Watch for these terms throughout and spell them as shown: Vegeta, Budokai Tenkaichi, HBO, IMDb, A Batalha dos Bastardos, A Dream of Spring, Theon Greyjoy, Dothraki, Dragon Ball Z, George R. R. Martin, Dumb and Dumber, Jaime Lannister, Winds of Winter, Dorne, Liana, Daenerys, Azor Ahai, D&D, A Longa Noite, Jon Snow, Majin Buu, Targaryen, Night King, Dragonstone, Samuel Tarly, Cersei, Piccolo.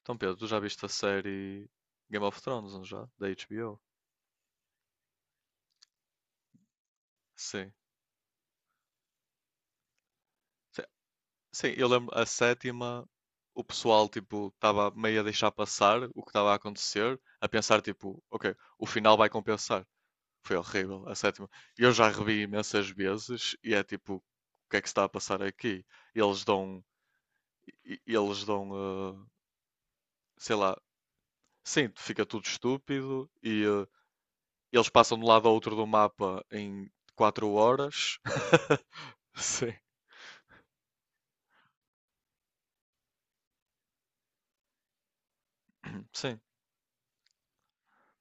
Então, Pedro, tu já viste a série Game of Thrones, não já? Da HBO? Sim. Sim, sim, eu lembro a sétima, o pessoal tipo estava meio a deixar passar o que estava a acontecer, a pensar tipo, ok, o final vai compensar. Foi horrível a sétima. Eu já revi imensas vezes e é tipo, o que é que se está a passar aqui? Eles dão, eles dão, sei lá, sim, fica tudo estúpido e eles passam de um lado ao outro do mapa em 4 horas. Sim. Sim,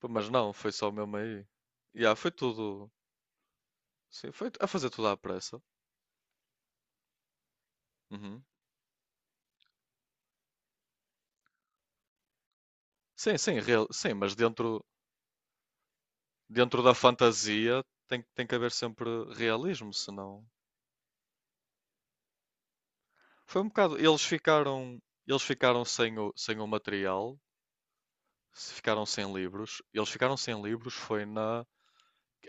pô, mas não, foi só mesmo aí. Yeah, foi tudo. Sim, foi a fazer tudo à pressa. Uhum. Sim, mas dentro, dentro da fantasia tem que haver sempre realismo, senão. Foi um bocado. Eles ficaram sem o, sem o material, se ficaram sem livros. Eles ficaram sem livros, foi na.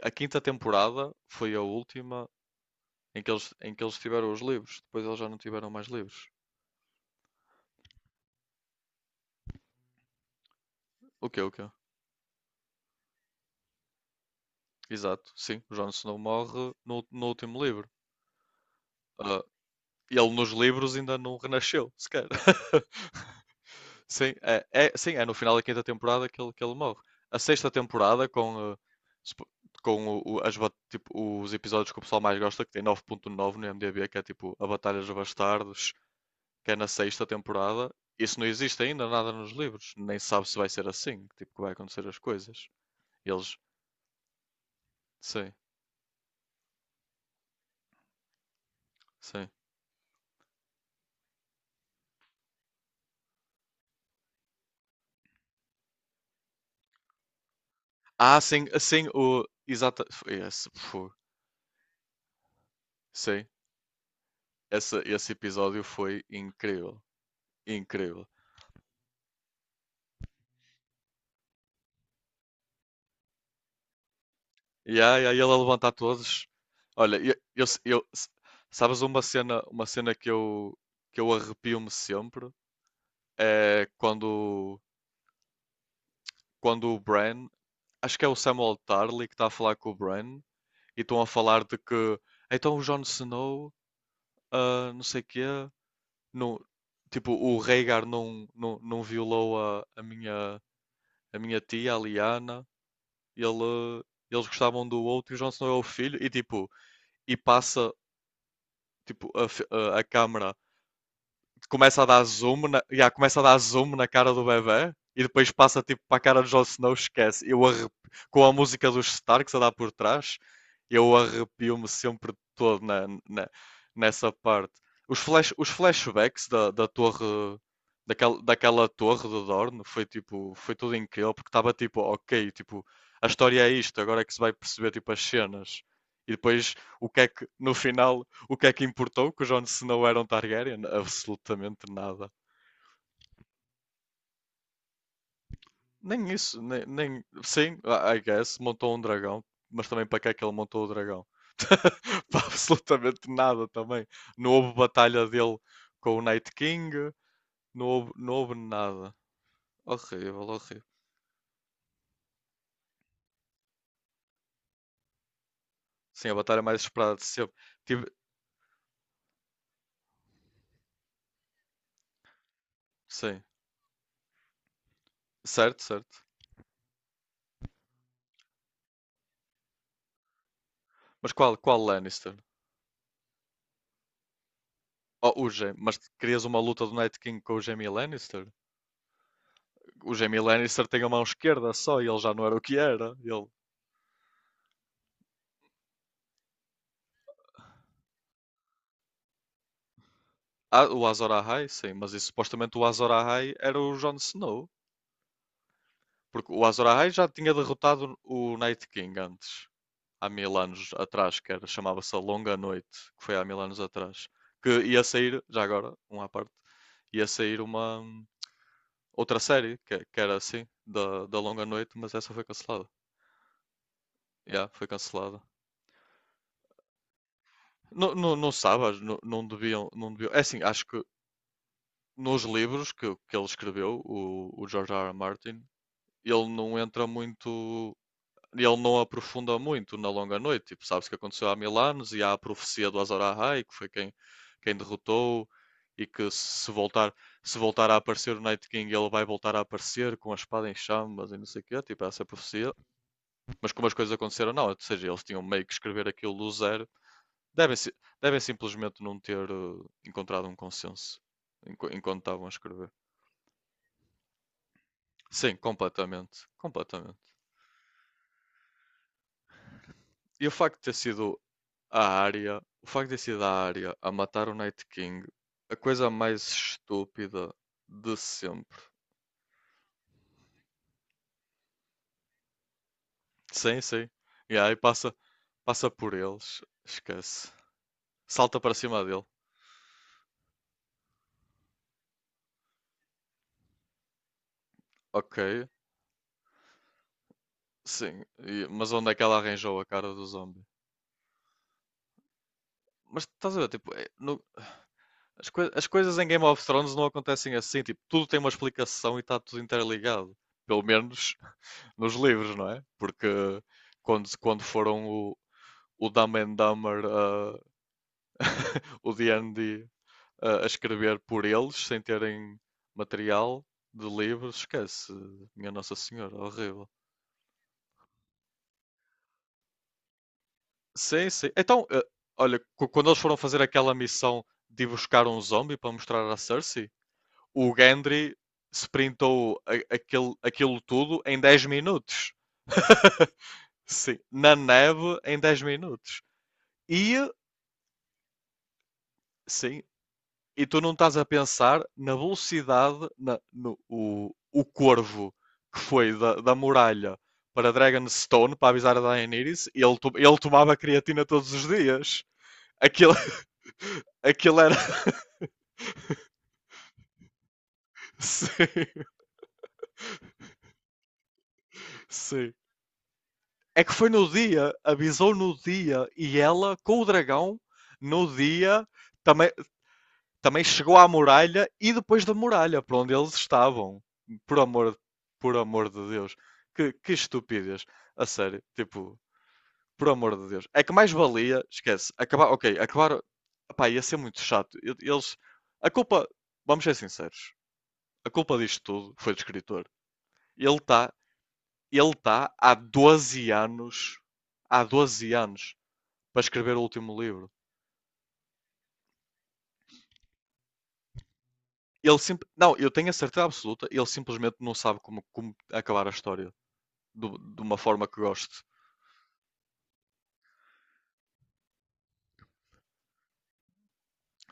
A quinta temporada foi a última em que eles tiveram os livros. Depois eles já não tiveram mais livros. O quê? Exato, sim. O Jon Snow morre no, no último livro. Ah, ele nos livros ainda não renasceu, sequer. Sim, é no final da quinta temporada que ele morre. A sexta temporada, com, supo- com o- as bat- tipo, os episódios que o pessoal mais gosta, que tem 9.9 no IMDb, que é tipo A Batalha dos Bastardos, que é na sexta temporada, isso não existe ainda nada nos livros. Nem se sabe se vai ser assim, tipo, que vai acontecer as coisas. Eles, sim, sim. Ah, sim, sim, o. Exata. Foi esse, sim, esse episódio foi incrível. Incrível. E aí, aí ele a levantar todos. Olha, eu sabes uma cena que eu arrepio-me sempre é quando, quando o Bran, acho que é o Samuel Tarly que está a falar com o Bran e estão a falar de que então o Jon Snow, ah, não sei quê, não, tipo, o Rhaegar não violou a minha tia, a Liana, ele, eles gostavam do outro e o Jon Snow é o filho, e tipo, e passa tipo, a câmera começa a dar zoom na, yeah, começa a dar zoom na cara do bebê e depois passa tipo para a cara do Jon Snow, esquece. Eu arrep... com a música dos Starks a dar por trás, eu arrepio-me sempre todo na, na, nessa parte. Os, flash, os flashbacks da, da torre daquela, daquela torre do Dorne foi tipo, foi tudo incrível porque estava tipo, ok, tipo, a história é isto, agora é que se vai perceber tipo as cenas. E depois o que é que no final o que é que importou que o Jon Snow era um Targaryen? Absolutamente nada. Nem isso, nem, nem... Sim, I guess, montou um dragão, mas também para que é que ele montou o dragão? para absolutamente nada também. Não houve batalha dele com o Night King, não houve, não houve nada. Horrível, horrível. Sim, a batalha mais esperada de sempre. Tive... Sim, certo, certo. Mas qual, qual Lannister? Oh, o Jaime. Mas querias uma luta do Night King com o Jaime Lannister? O Jamie Lannister tem a mão esquerda só e ele já não era o que era. Ele... Ah, o Azor Ahai, sim, mas e, supostamente o Azor Ahai era o Jon Snow. Porque o Azor Ahai já tinha derrotado o Night King antes, há 1000 anos atrás, que era, chamava-se A Longa Noite, que foi há 1000 anos atrás. Que ia sair, já agora, um à parte, ia sair uma outra série, que era assim, da, da Longa Noite, mas essa foi cancelada. Já, foi cancelada. Não, não, não sabes, não, não deviam, não deviam. É assim, acho que nos livros que ele escreveu, o George R. R. Martin, ele não entra muito, ele não aprofunda muito na Longa Noite. Tipo, sabes que aconteceu há 1000 anos e há a profecia do Azor Ahai, que foi quem, quem derrotou, e que se voltar, se voltar a aparecer o Night King, ele vai voltar a aparecer com a espada em chamas e não sei o quê, tipo, essa profecia. Mas como as coisas aconteceram, não. Ou seja, eles tinham meio que escrever aquilo do zero. Devem, devem simplesmente não ter encontrado um consenso enquanto estavam a escrever. Sim, completamente. Completamente. E o facto de ter sido a área, o facto de ter sido a área a matar o Night King, a coisa mais estúpida de sempre. Sim, sim. E aí passa, passa por eles, esquece. Salta para cima dele. Ok, sim. E- mas onde é que ela arranjou a cara do zombie? Mas estás a ver, tipo, é- no- as, coi- as coisas em Game of Thrones não acontecem assim, tipo, tudo tem uma explicação e está tudo interligado. Pelo menos nos livros, não é? Porque quando, quando foram o Dumb and Dumber, o D&D, a escrever por eles, sem terem material de livros, esquece. Minha Nossa Senhora, horrível. Sim, sim. Então, olha, cu- quando eles foram fazer aquela missão de ir buscar um zombie para mostrar à Cersei, o Gendry sprintou a- aquele, aquilo tudo em 10 minutos. Sim, na neve em 10 minutos. E, sim, e tu não estás a pensar na velocidade, na- no, o corvo que foi da, da muralha para Dragonstone para avisar a Daenerys, ele tomava creatina todos os dias. Aquilo, aquilo era. Sim, sim. É que foi no dia, avisou no dia, e ela com o dragão, no dia, também também chegou à muralha e depois da muralha, para onde eles estavam. Por amor, por amor de Deus. Que estupidez. A sério, tipo, por amor de Deus. É que mais valia, esquece, acabar, ok, acabar, pá, ia ser muito chato. Eles, a culpa, vamos ser sinceros, a culpa disto tudo foi do escritor. Ele está ele tá há 12 anos, há 12 anos, para escrever o último livro. Ele sim, não, eu tenho a certeza absoluta, ele simplesmente não sabe como, como acabar a história do- de uma forma que gosto.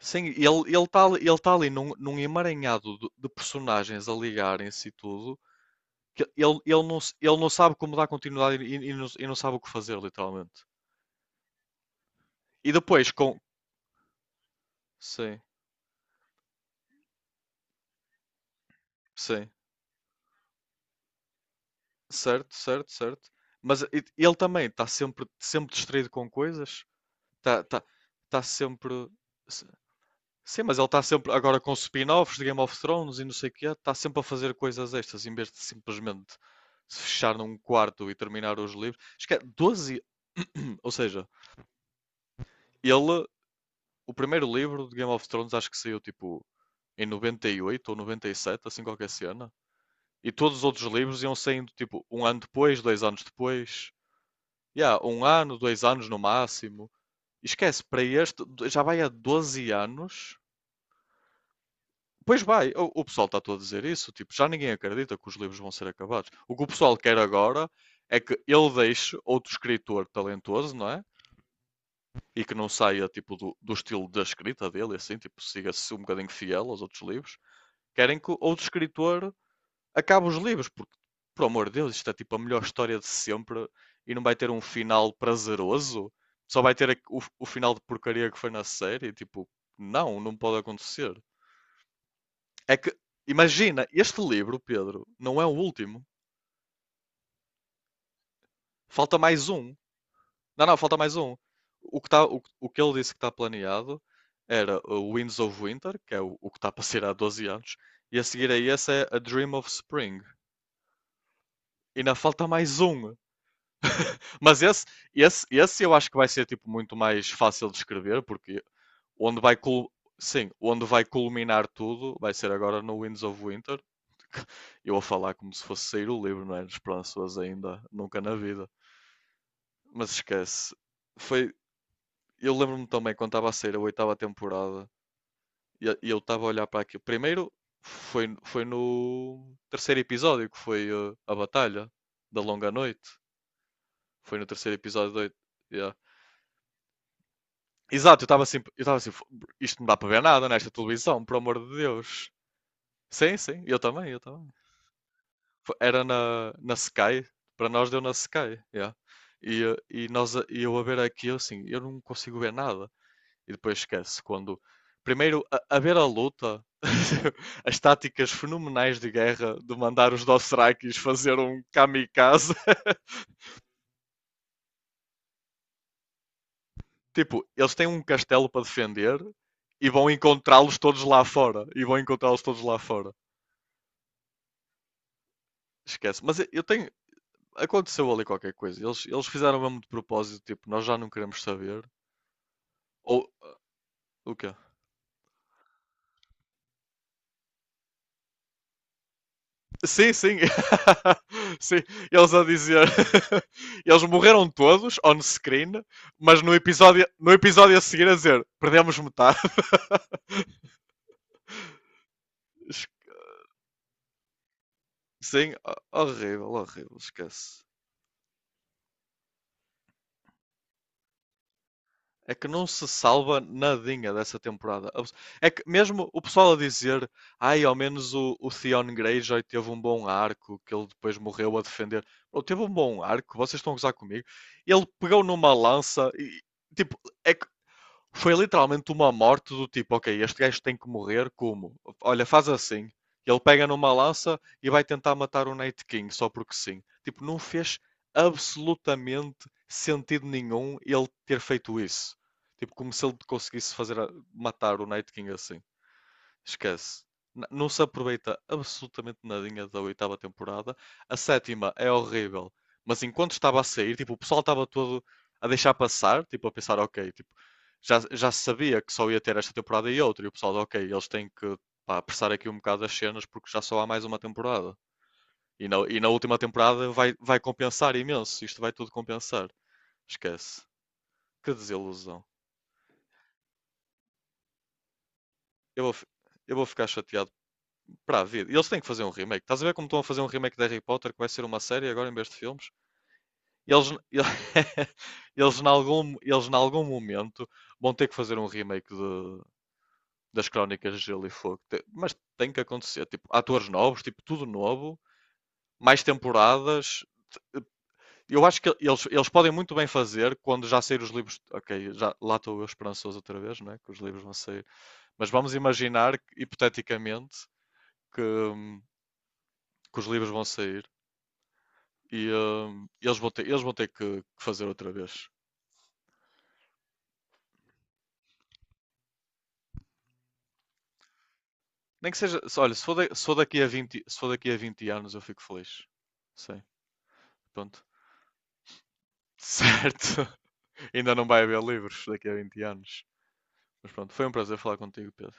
Sim, ele ele está ele ele tá ali num, num emaranhado de personagens a ligarem-se e tudo, que ele, ele não sabe como dar continuidade e não sabe o que fazer, literalmente. E depois com. Sim, sim. Certo, certo, certo. Mas ele também está sempre, sempre distraído com coisas. Está tá, tá tá sempre. Sim, mas ele está sempre agora com spin-offs de Game of Thrones e não sei o quê, está sempre a fazer coisas extras em vez de simplesmente se fechar num quarto e terminar os livros. Acho que é 12, ou seja, ele, o primeiro livro de Game of Thrones acho que saiu tipo em 98 ou 97, assim qualquer cena. E todos os outros livros iam saindo tipo um ano depois, 2 anos depois. Yeah, um ano, 2 anos no máximo. Esquece, para este já vai há 12 anos. Pois vai, o pessoal está todo a dizer isso, tipo, já ninguém acredita que os livros vão ser acabados. O que o pessoal quer agora é que ele deixe outro escritor talentoso, não é? E que não saia, tipo, do, do estilo da escrita dele, assim, tipo, siga-se um bocadinho fiel aos outros livros. Querem que outro escritor acabe os livros, porque, por amor de Deus, isto é, tipo, a melhor história de sempre e não vai ter um final prazeroso? Só vai ter o final de porcaria que foi na série? Tipo, não, não pode acontecer. É que, imagina, este livro, Pedro, não é o último. Falta mais um. Não, não, falta mais um. O que, tá, o que ele disse que está planeado era o Winds of Winter, que é o que está para ser há 12 anos, e a seguir a esse é A Dream of Spring. E ainda falta mais um. Mas esse, esse eu acho que vai ser tipo muito mais fácil de escrever, porque onde vai, cul- sim, onde vai culminar tudo vai ser agora no Winds of Winter. Eu a falar como se fosse sair o livro, não é? Esperanças ainda, nunca na vida. Mas esquece. Foi, eu lembro-me também quando estava a sair a oitava temporada e eu estava a olhar para aquilo. Primeiro foi, foi no terceiro episódio que foi a batalha da Longa Noite. Foi no terceiro episódio da oit- yeah. Exato, eu estava assim, isto não dá para ver nada nesta televisão, por amor de Deus. Sim, sim, eu também, eu também. Fo- Era na, na Sky, para nós deu na Sky, yeah. E, e, nós, a- e eu a ver aqui, eu assim, eu não consigo ver nada. E depois esquece, quando... Primeiro, a ver a luta, as táticas fenomenais de guerra de mandar os Dothrakis fazer um kamikaze. Tipo, eles têm um castelo para defender e vão encontrá-los todos lá fora. E vão encontrá-los todos lá fora. Esquece. Mas eu tenho, aconteceu ali qualquer coisa. Eles fizeram mesmo de propósito, tipo, nós já não queremos saber. Ou o quê? Sim, sim. sim, eles a dizer. eles morreram todos on screen, mas no episódio, no episódio a seguir a dizer perdemos metade. sim, horrível, horrível, esquece. É que não se salva nadinha dessa temporada. É que mesmo o pessoal a dizer, ai, ao menos o Theon Greyjoy teve um bom arco, que ele depois morreu a defender. Ele teve um bom arco, vocês estão a gozar comigo. Ele pegou numa lança e, tipo, é que foi literalmente uma morte do tipo, ok, este gajo tem que morrer, como? Olha, faz assim. Ele pega numa lança e vai tentar matar o Night King só porque sim. Tipo, não fez absolutamente sentido nenhum ele ter feito isso. Tipo, como se ele conseguisse fazer a- matar o Night King assim. Esquece. N- Não se aproveita absolutamente nadinha da oitava temporada. A sétima é horrível. Mas enquanto estava a sair, tipo, o pessoal estava todo a deixar passar, tipo, a pensar, ok, tipo, já, já se sabia que só ia ter esta temporada e outra. E o pessoal, ok, eles têm que, pá, apressar aqui um bocado as cenas porque já só há mais uma temporada. E na última temporada vai, vai compensar imenso. Isto vai tudo compensar. Esquece. Que desilusão. Eu vou, fi- eu vou ficar chateado para a vida. E eles têm que fazer um remake. Estás a ver como estão a fazer um remake de Harry Potter, que vai ser uma série agora em vez de filmes? Eles, eles, eles em algum momento vão ter que fazer um remake de, das Crónicas de Gelo e Fogo. Te- Mas tem que acontecer. Tipo, atores novos, tipo, tudo novo, mais temporadas. Eu acho que eles podem muito bem fazer quando já sair os livros. Ok, já, lá estou eu esperançoso outra vez, né? Que os livros vão sair. Mas vamos imaginar, hipoteticamente, que, hum, que os livros vão sair e eles vão ter que fazer outra vez. Nem que seja, olha, se for, da- se for daqui a 20 se for daqui a 20 anos eu fico feliz. Sei, pronto. Certo. Ainda não vai haver livros daqui a 20 anos. Mas pronto, foi um prazer falar contigo, Pedro.